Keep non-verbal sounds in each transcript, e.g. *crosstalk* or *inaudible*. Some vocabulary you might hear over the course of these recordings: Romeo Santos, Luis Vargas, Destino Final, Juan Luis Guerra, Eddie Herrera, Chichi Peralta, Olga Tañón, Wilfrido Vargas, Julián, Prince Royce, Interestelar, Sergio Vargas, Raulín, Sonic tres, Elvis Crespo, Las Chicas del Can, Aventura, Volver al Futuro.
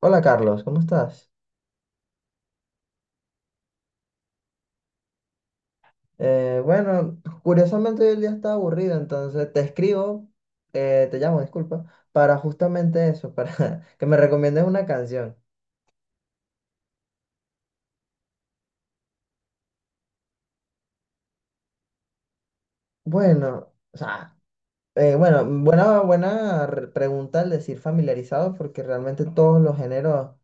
Hola Carlos, ¿cómo estás? Bueno, curiosamente hoy el día está aburrido, entonces te escribo, te llamo, disculpa, para justamente eso, para *laughs* que me recomiendes una canción. Bueno, o sea, pregunta al decir familiarizado, porque realmente todos los géneros,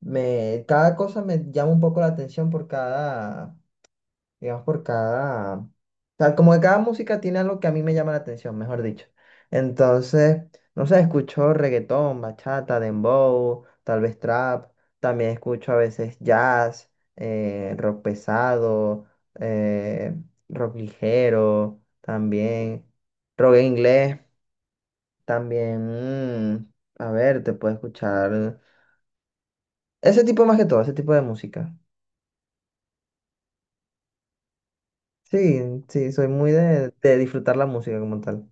me, cada cosa me llama un poco la atención por cada, digamos, o sea, como que cada música tiene algo que a mí me llama la atención, mejor dicho. Entonces, no sé, escucho reggaetón, bachata, dembow, tal vez trap, también escucho a veces jazz, rock pesado, eh, rock ligero, también rock en inglés, también, mm, a ver, te puedo escuchar ese tipo más que todo, ese tipo de música. Sí, sí, soy muy de disfrutar la música como tal.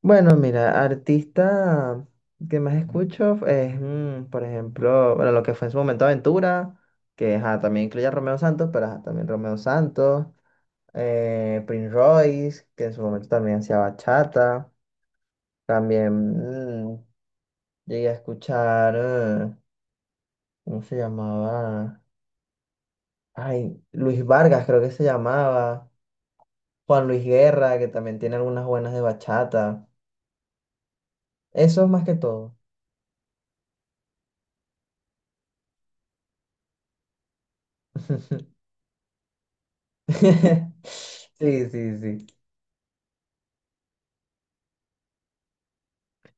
Bueno, mira, artista que más escucho es, por ejemplo, bueno, lo que fue en su momento Aventura, que ajá, también incluye a Romeo Santos, pero ajá, también Romeo Santos, Prince Royce, que en su momento también hacía bachata, también mm, llegué a escuchar, ¿cómo se llamaba? Ay, Luis Vargas creo que se llamaba, Juan Luis Guerra, que también tiene algunas buenas de bachata, eso es más que todo. *laughs* *laughs* Sí, sí, sí.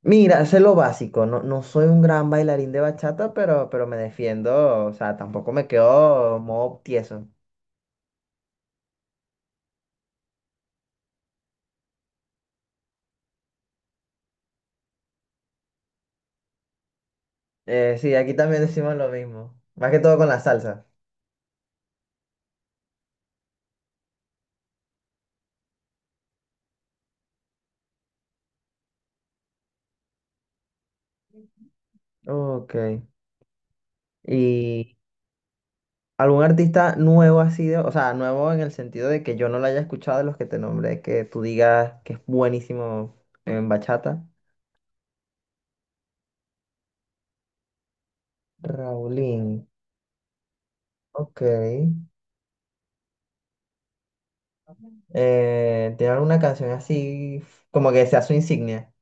Mira, sé lo básico, no, no soy un gran bailarín de bachata, pero me defiendo, o sea, tampoco me quedo modo tieso. Sí, aquí también *laughs* decimos lo mismo, más que todo con la salsa. Ok. ¿Y algún artista nuevo ha sido, o sea, nuevo en el sentido de que yo no lo haya escuchado de los que te nombré, que tú digas que es buenísimo en bachata? Raulín, ok. ¿Tiene alguna canción así como que sea su insignia?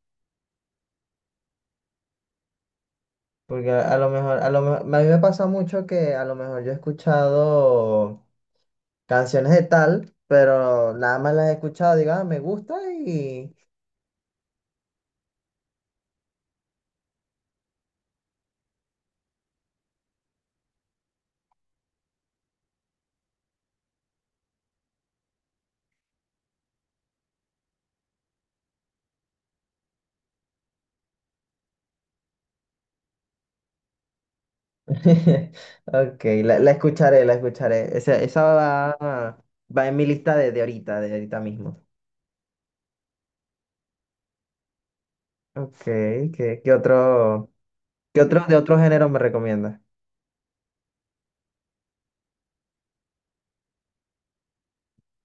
Porque a lo mejor, a lo mejor, a mí me pasa mucho que a lo mejor yo he escuchado canciones de tal, pero nada más las he escuchado, digo, ah, me gusta y... *laughs* Ok, la escucharé, la escucharé. Esa va, va en mi lista de ahorita, de ahorita mismo. Ok, ¿qué, qué otro de otro género me recomiendas?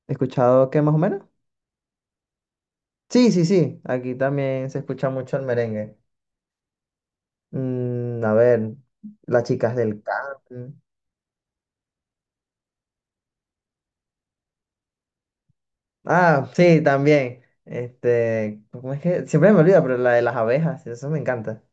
¿He escuchado qué más o menos? Sí, sí, sí, aquí también se escucha mucho el merengue. Mm, a ver, las chicas del can. Ah, sí, también. Este, ¿cómo es que? Siempre me olvida, pero la de las abejas, eso me encanta.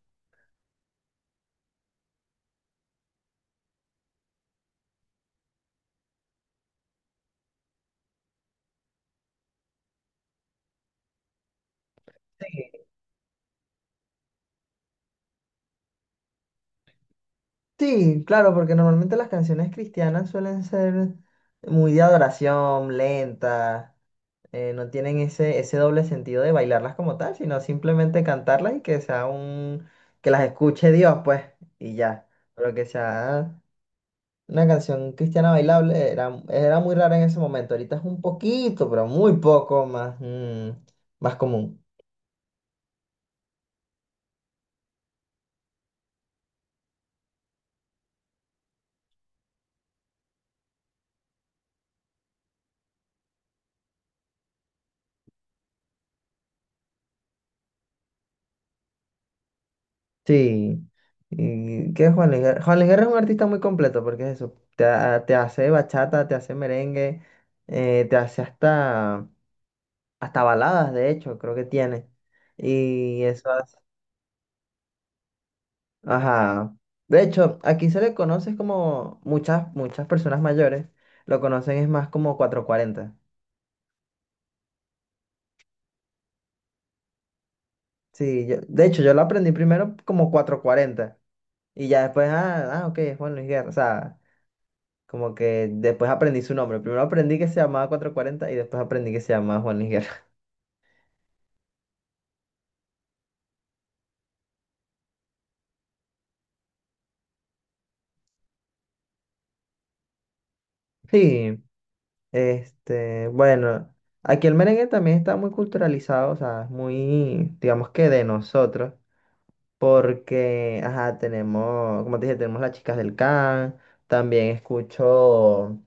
Sí, sí, claro, porque normalmente las canciones cristianas suelen ser muy de adoración, lentas, no tienen ese, ese doble sentido de bailarlas como tal, sino simplemente cantarlas y que sea un, que las escuche Dios, pues, y ya. Pero que sea una canción cristiana bailable era, era muy rara en ese momento. Ahorita es un poquito, pero muy poco más, más común. Sí, y que Juan Luis Guerra. Juan Luis Guerra es un artista muy completo porque es eso, te, te hace bachata, te hace merengue, te hace hasta, hasta baladas, de hecho, creo que tiene. Y eso hace, ajá. De hecho, aquí se le conoce como muchas, muchas personas mayores, lo conocen es más como 440. Sí, yo, de hecho, yo lo aprendí primero como 440 y ya después, ah, ah, ok, es Juan Luis Guerra, o sea. Como que después aprendí su nombre. Primero aprendí que se llamaba 440 y después aprendí que se llamaba Juan Luis Guerra. *laughs* Sí, este, bueno, aquí el merengue también está muy culturalizado, o sea, es muy, digamos que de nosotros, porque, ajá, tenemos, como te dije, tenemos las chicas del can, también escucho,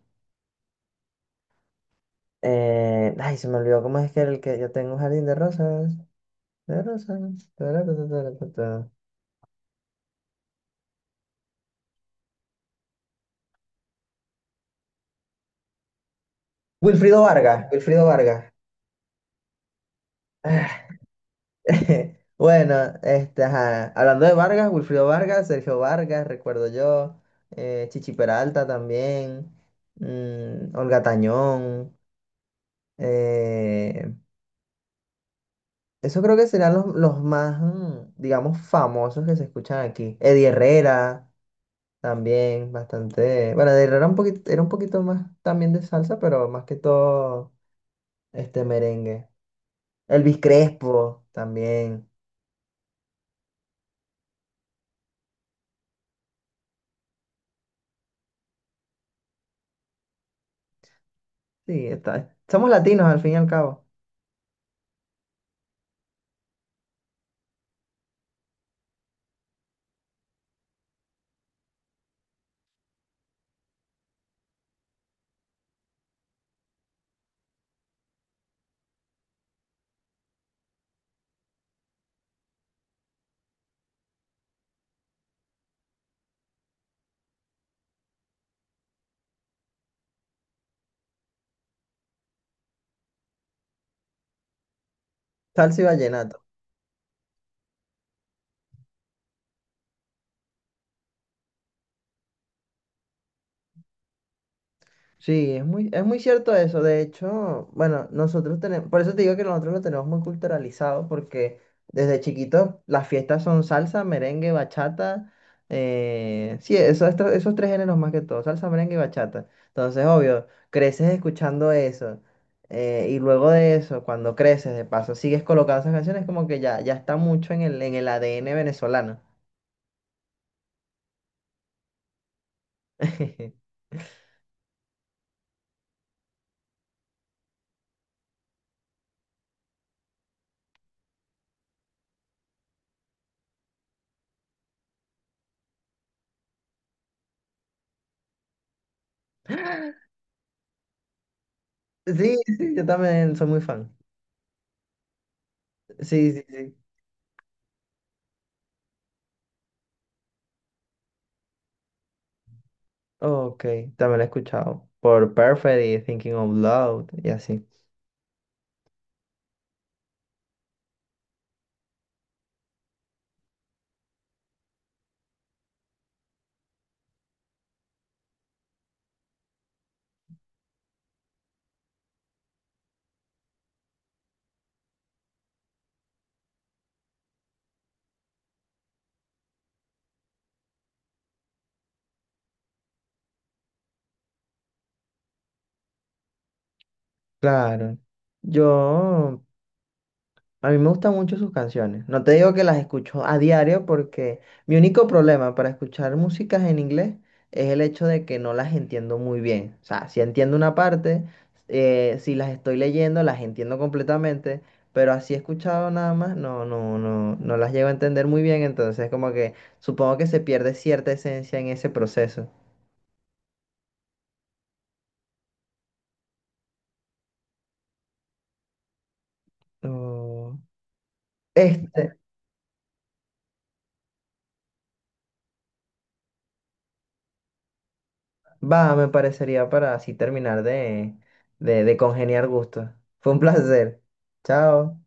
ay, se me olvidó cómo es que era el que yo tengo un jardín de rosas, de rosas. Tarara, tarara, tarara. Wilfrido Vargas, Wilfrido Vargas. *laughs* Bueno, este, ajá, hablando de Vargas, Wilfrido Vargas, Sergio Vargas, recuerdo yo, Chichi Peralta también, Olga Tañón, eh, eso creo que serán los más, digamos, famosos que se escuchan aquí. Eddie Herrera también, bastante, bueno, Eddie Herrera un poquito, era un poquito más también de salsa, pero más que todo, este, merengue. Elvis Crespo también, sí, está, somos latinos al fin y al cabo, salsa y vallenato. Sí, es muy cierto eso. De hecho, bueno, nosotros tenemos, por eso te digo que nosotros lo tenemos muy culturalizado, porque desde chiquitos las fiestas son salsa, merengue, bachata. Eh, sí, eso, esos tres géneros más que todo, salsa, merengue y bachata. Entonces, obvio, creces escuchando eso. Eh, y luego de eso, cuando creces, de paso, sigues colocando esas canciones, como que ya, ya está mucho en el ADN venezolano. *laughs* Sí, sí, yo también soy muy fan. Sí, sí, sí. Ok, también lo he escuchado. Por Perfect y Thinking Out Loud y así. Claro. Yo, a mí me gustan mucho sus canciones. No te digo que las escucho a diario porque mi único problema para escuchar músicas en inglés es el hecho de que no las entiendo muy bien. O sea, si entiendo una parte, si las estoy leyendo, las entiendo completamente, pero así escuchado nada más, no, no, no, no las llego a entender muy bien. Entonces, como que supongo que se pierde cierta esencia en ese proceso. Oh. Este, va, me parecería para así terminar de congeniar gustos. Fue un placer. Chao.